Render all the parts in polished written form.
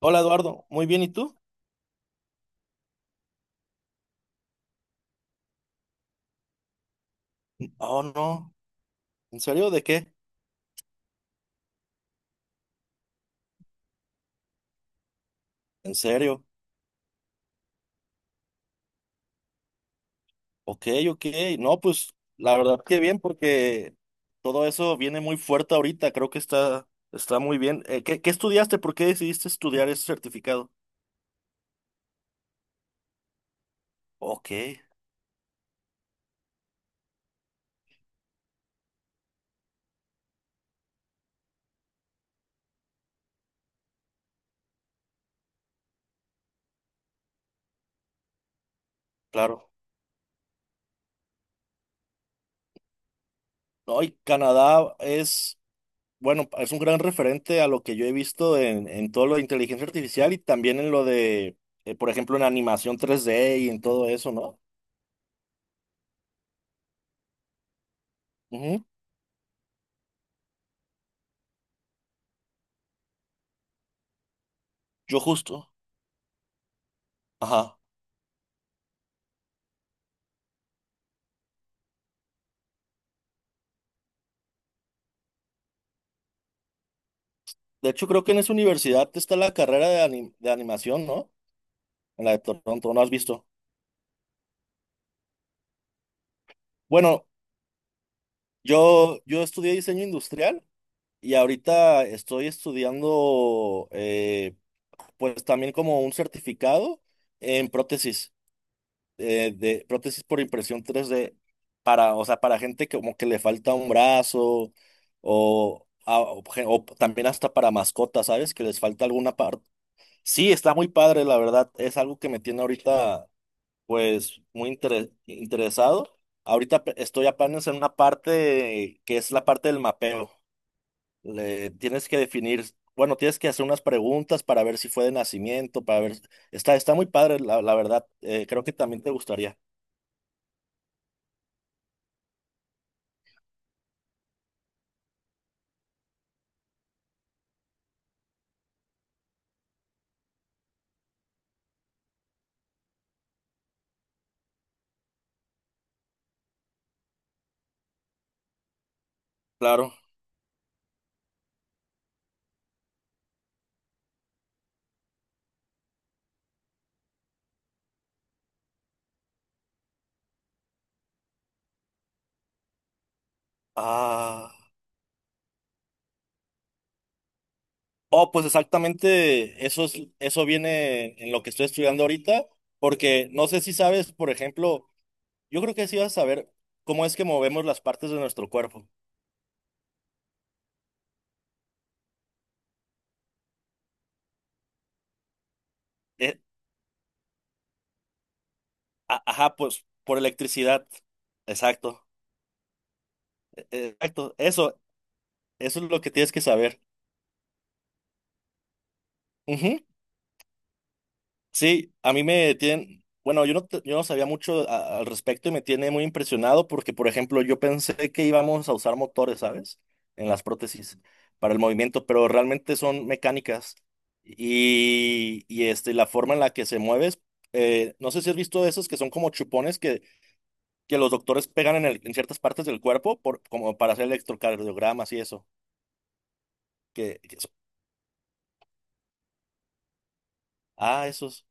Hola Eduardo, muy bien, ¿y tú? Oh, no, ¿en serio? ¿De qué? ¿En serio? Ok, ok, no, pues la verdad que bien porque todo eso viene muy fuerte ahorita, creo que está muy bien. ¿Qué estudiaste? ¿Por qué decidiste estudiar ese certificado? Ok, claro. No, y Canadá es, bueno, es un gran referente a lo que yo he visto en todo lo de inteligencia artificial y también en lo de, por ejemplo, en animación 3D y en todo eso, ¿no? Ujú, yo justo. Ajá. De hecho, creo que en esa universidad está la carrera de, de animación, ¿no? En la de Toronto, ¿no has visto? Bueno, yo estudié diseño industrial y ahorita estoy estudiando, pues también como un certificado en prótesis, de prótesis por impresión 3D para, o sea, para gente que como que le falta un brazo o, a- o gen- o también hasta para mascotas, ¿sabes? Que les falta alguna parte. Sí, está muy padre, la verdad. Es algo que me tiene ahorita, pues muy interesado. Ahorita estoy apenas en una parte que es la parte del mapeo. Le tienes que definir, bueno, tienes que hacer unas preguntas para ver si fue de nacimiento, para ver. Está muy padre, la verdad. Creo que también te gustaría. Claro. Ah. Oh, pues exactamente, eso es, eso viene en lo que estoy estudiando ahorita, porque no sé si sabes, por ejemplo, yo creo que sí vas a saber cómo es que movemos las partes de nuestro cuerpo. Eh, ajá, pues por electricidad. Exacto, exacto. Eso es lo que tienes que saber. Ujú. Sí, a mí me tienen, bueno, yo no, yo no sabía mucho al respecto y me tiene muy impresionado porque, por ejemplo, yo pensé que íbamos a usar motores, ¿sabes? En las prótesis para el movimiento, pero realmente son mecánicas. Y este, la forma en la que se mueves, no sé si has visto esos que son como chupones que los doctores pegan en ciertas partes del cuerpo por, como para hacer electrocardiogramas y eso. Que, que so- ah, esos.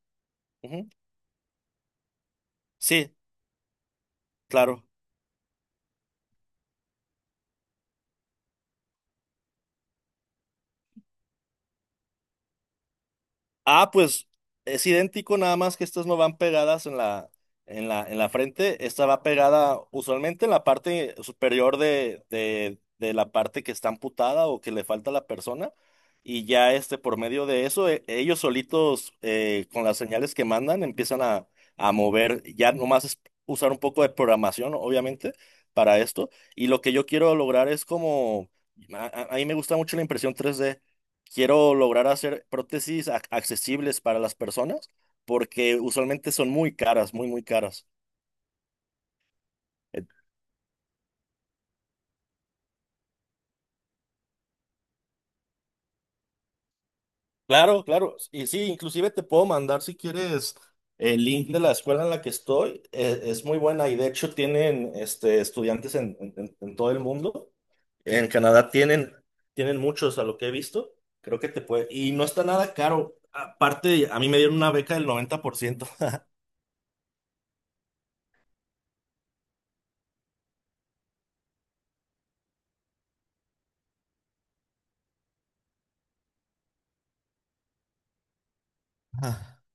Ujú. Sí, claro. Ah, pues es idéntico, nada más que estas no van pegadas en la frente. Esta va pegada usualmente en la parte superior de la parte que está amputada o que le falta a la persona. Y ya este, por medio de eso, ellos solitos, con las señales que mandan, empiezan a mover. Ya nomás es usar un poco de programación, obviamente, para esto. Y lo que yo quiero lograr es como, a mí me gusta mucho la impresión 3D. Quiero lograr hacer prótesis accesibles para las personas porque usualmente son muy caras, muy, muy caras. Eh, Claro, claro. Y sí, inclusive te puedo mandar si quieres el link de la escuela en la que estoy. Es muy buena y de hecho tienen este, estudiantes en todo el mundo. En Canadá tienen muchos a lo que he visto. Creo que te puede. Y no está nada caro. Aparte, a mí me dieron una beca del 90%.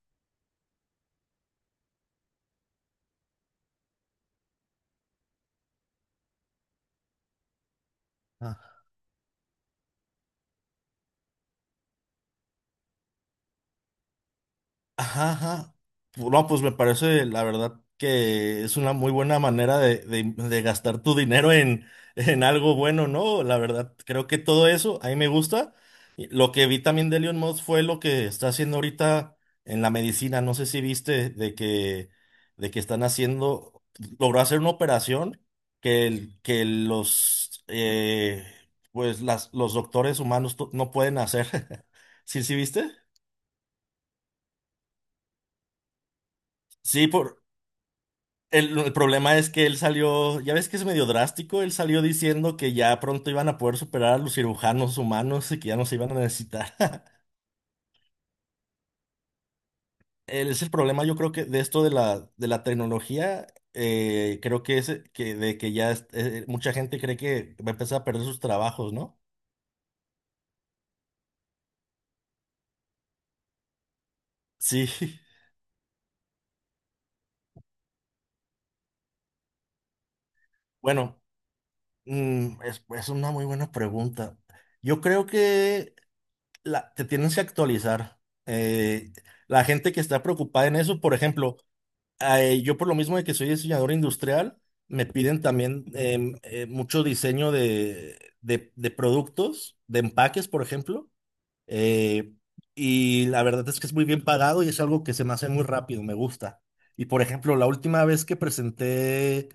Ajá, ajá. No, pues me parece, la verdad, que es una muy buena manera de gastar tu dinero en, en algo bueno, ¿no? La verdad, creo que todo eso, a mí me gusta. Y lo que vi también de Elon Musk fue lo que está haciendo ahorita en la medicina. No sé si viste de que están haciendo, logró hacer una operación que pues los doctores humanos no pueden hacer. ¿Sí, sí viste? Sí. El problema es que él salió, ya ves que es medio drástico, él salió diciendo que ya pronto iban a poder superar a los cirujanos humanos y que ya no se iban a necesitar. Él es el problema, yo creo que de esto de la, tecnología, creo que es que de que ya mucha gente cree que va a empezar a perder sus trabajos, ¿no? Sí, bueno, es una muy buena pregunta. Yo creo que te tienes que actualizar. Eh, la gente que está preocupada en eso, por ejemplo, yo por lo mismo de que soy diseñador industrial, me piden también mucho diseño de productos, de empaques, por ejemplo. eh, y la verdad es que es muy bien pagado y es algo que se me hace muy rápido, me gusta. Y por ejemplo, la última vez que presenté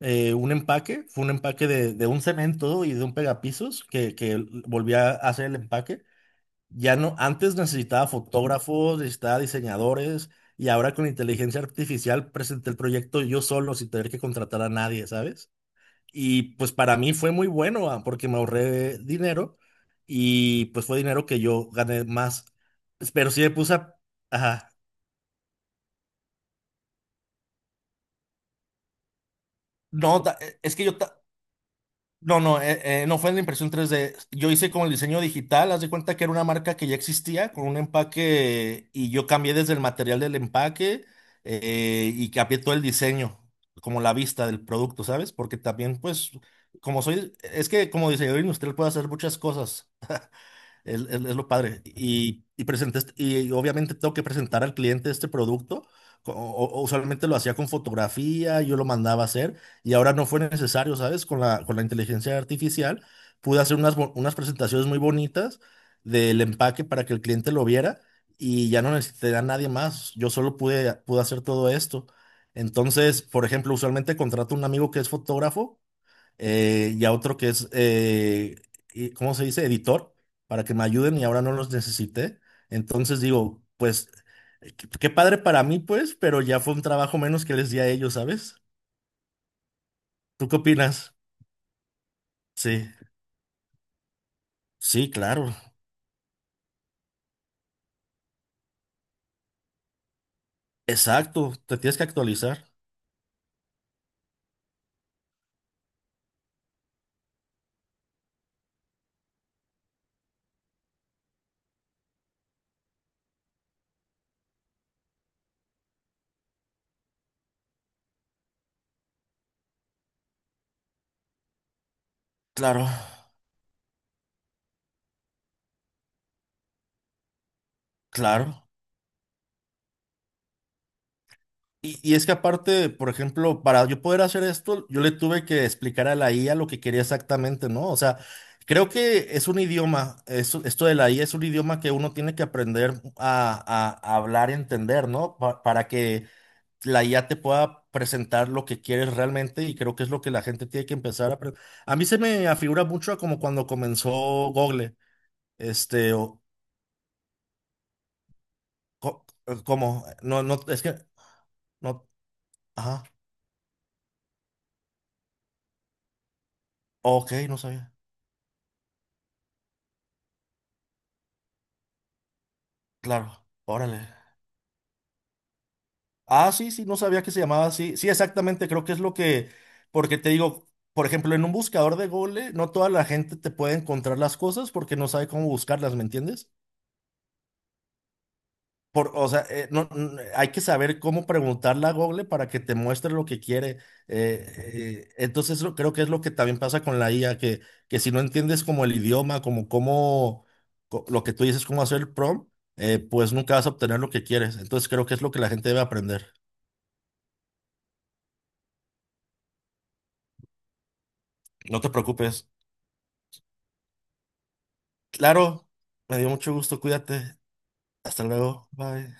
un empaque, fue un empaque de un cemento y de un pegapisos que volví a hacer el empaque. Ya no, antes necesitaba fotógrafos, necesitaba diseñadores y ahora con inteligencia artificial presenté el proyecto yo solo sin tener que contratar a nadie, ¿sabes? Y pues para mí fue muy bueno, porque me ahorré dinero y pues fue dinero que yo gané más, pero sí me puse a... Ajá. No, es que no, no, no fue en la impresión 3D. Yo hice con el diseño digital, haz de cuenta que era una marca que ya existía con un empaque y yo cambié desde el material del empaque, y cambié todo el diseño, como la vista del producto, ¿sabes? Porque también, pues, es que como diseñador industrial puedo hacer muchas cosas. Es lo padre. Presenté y obviamente tengo que presentar al cliente este producto. Co- o Usualmente lo hacía con fotografía, yo lo mandaba a hacer y ahora no fue necesario, ¿sabes? Con la inteligencia artificial pude hacer unas presentaciones muy bonitas del empaque para que el cliente lo viera y ya no necesité a nadie más. Yo solo pude hacer todo esto. Entonces, por ejemplo, usualmente contrato a un amigo que es fotógrafo, y a otro que es, ¿cómo se dice? Editor, para que me ayuden y ahora no los necesité. Entonces digo, pues, qué padre para mí, pues, pero ya fue un trabajo menos que les di a ellos, ¿sabes? ¿Tú qué opinas? Sí, sí, claro. Exacto, te tienes que actualizar. Claro, claro. Y es que aparte, por ejemplo, para yo poder hacer esto, yo le tuve que explicar a la IA lo que quería exactamente, ¿no? O sea, creo que es un idioma, esto de la IA es un idioma que uno tiene que aprender a hablar y entender, ¿no? Para que la IA te pueda presentar lo que quieres realmente y creo que es lo que la gente tiene que empezar a aprender. A mí se me afigura mucho a como cuando comenzó Google, este, o co- como, no, no, es que, no, ajá, ok, no sabía, claro, órale. Ah, sí, sí, no sabía que se llamaba así. Sí, exactamente, creo que es lo que, porque te digo, por ejemplo, en un buscador de Google, no toda la gente te puede encontrar las cosas porque no sabe cómo buscarlas, ¿me entiendes? Por, o sea, no, hay que saber cómo preguntarle a Google para que te muestre lo que quiere. Entonces, creo que es lo que también pasa con la IA, que si no entiendes como el idioma, como lo que tú dices, cómo hacer el prompt, pues nunca vas a obtener lo que quieres. Entonces, creo que es lo que la gente debe aprender. No te preocupes. Claro, me dio mucho gusto, cuídate. Hasta luego, bye.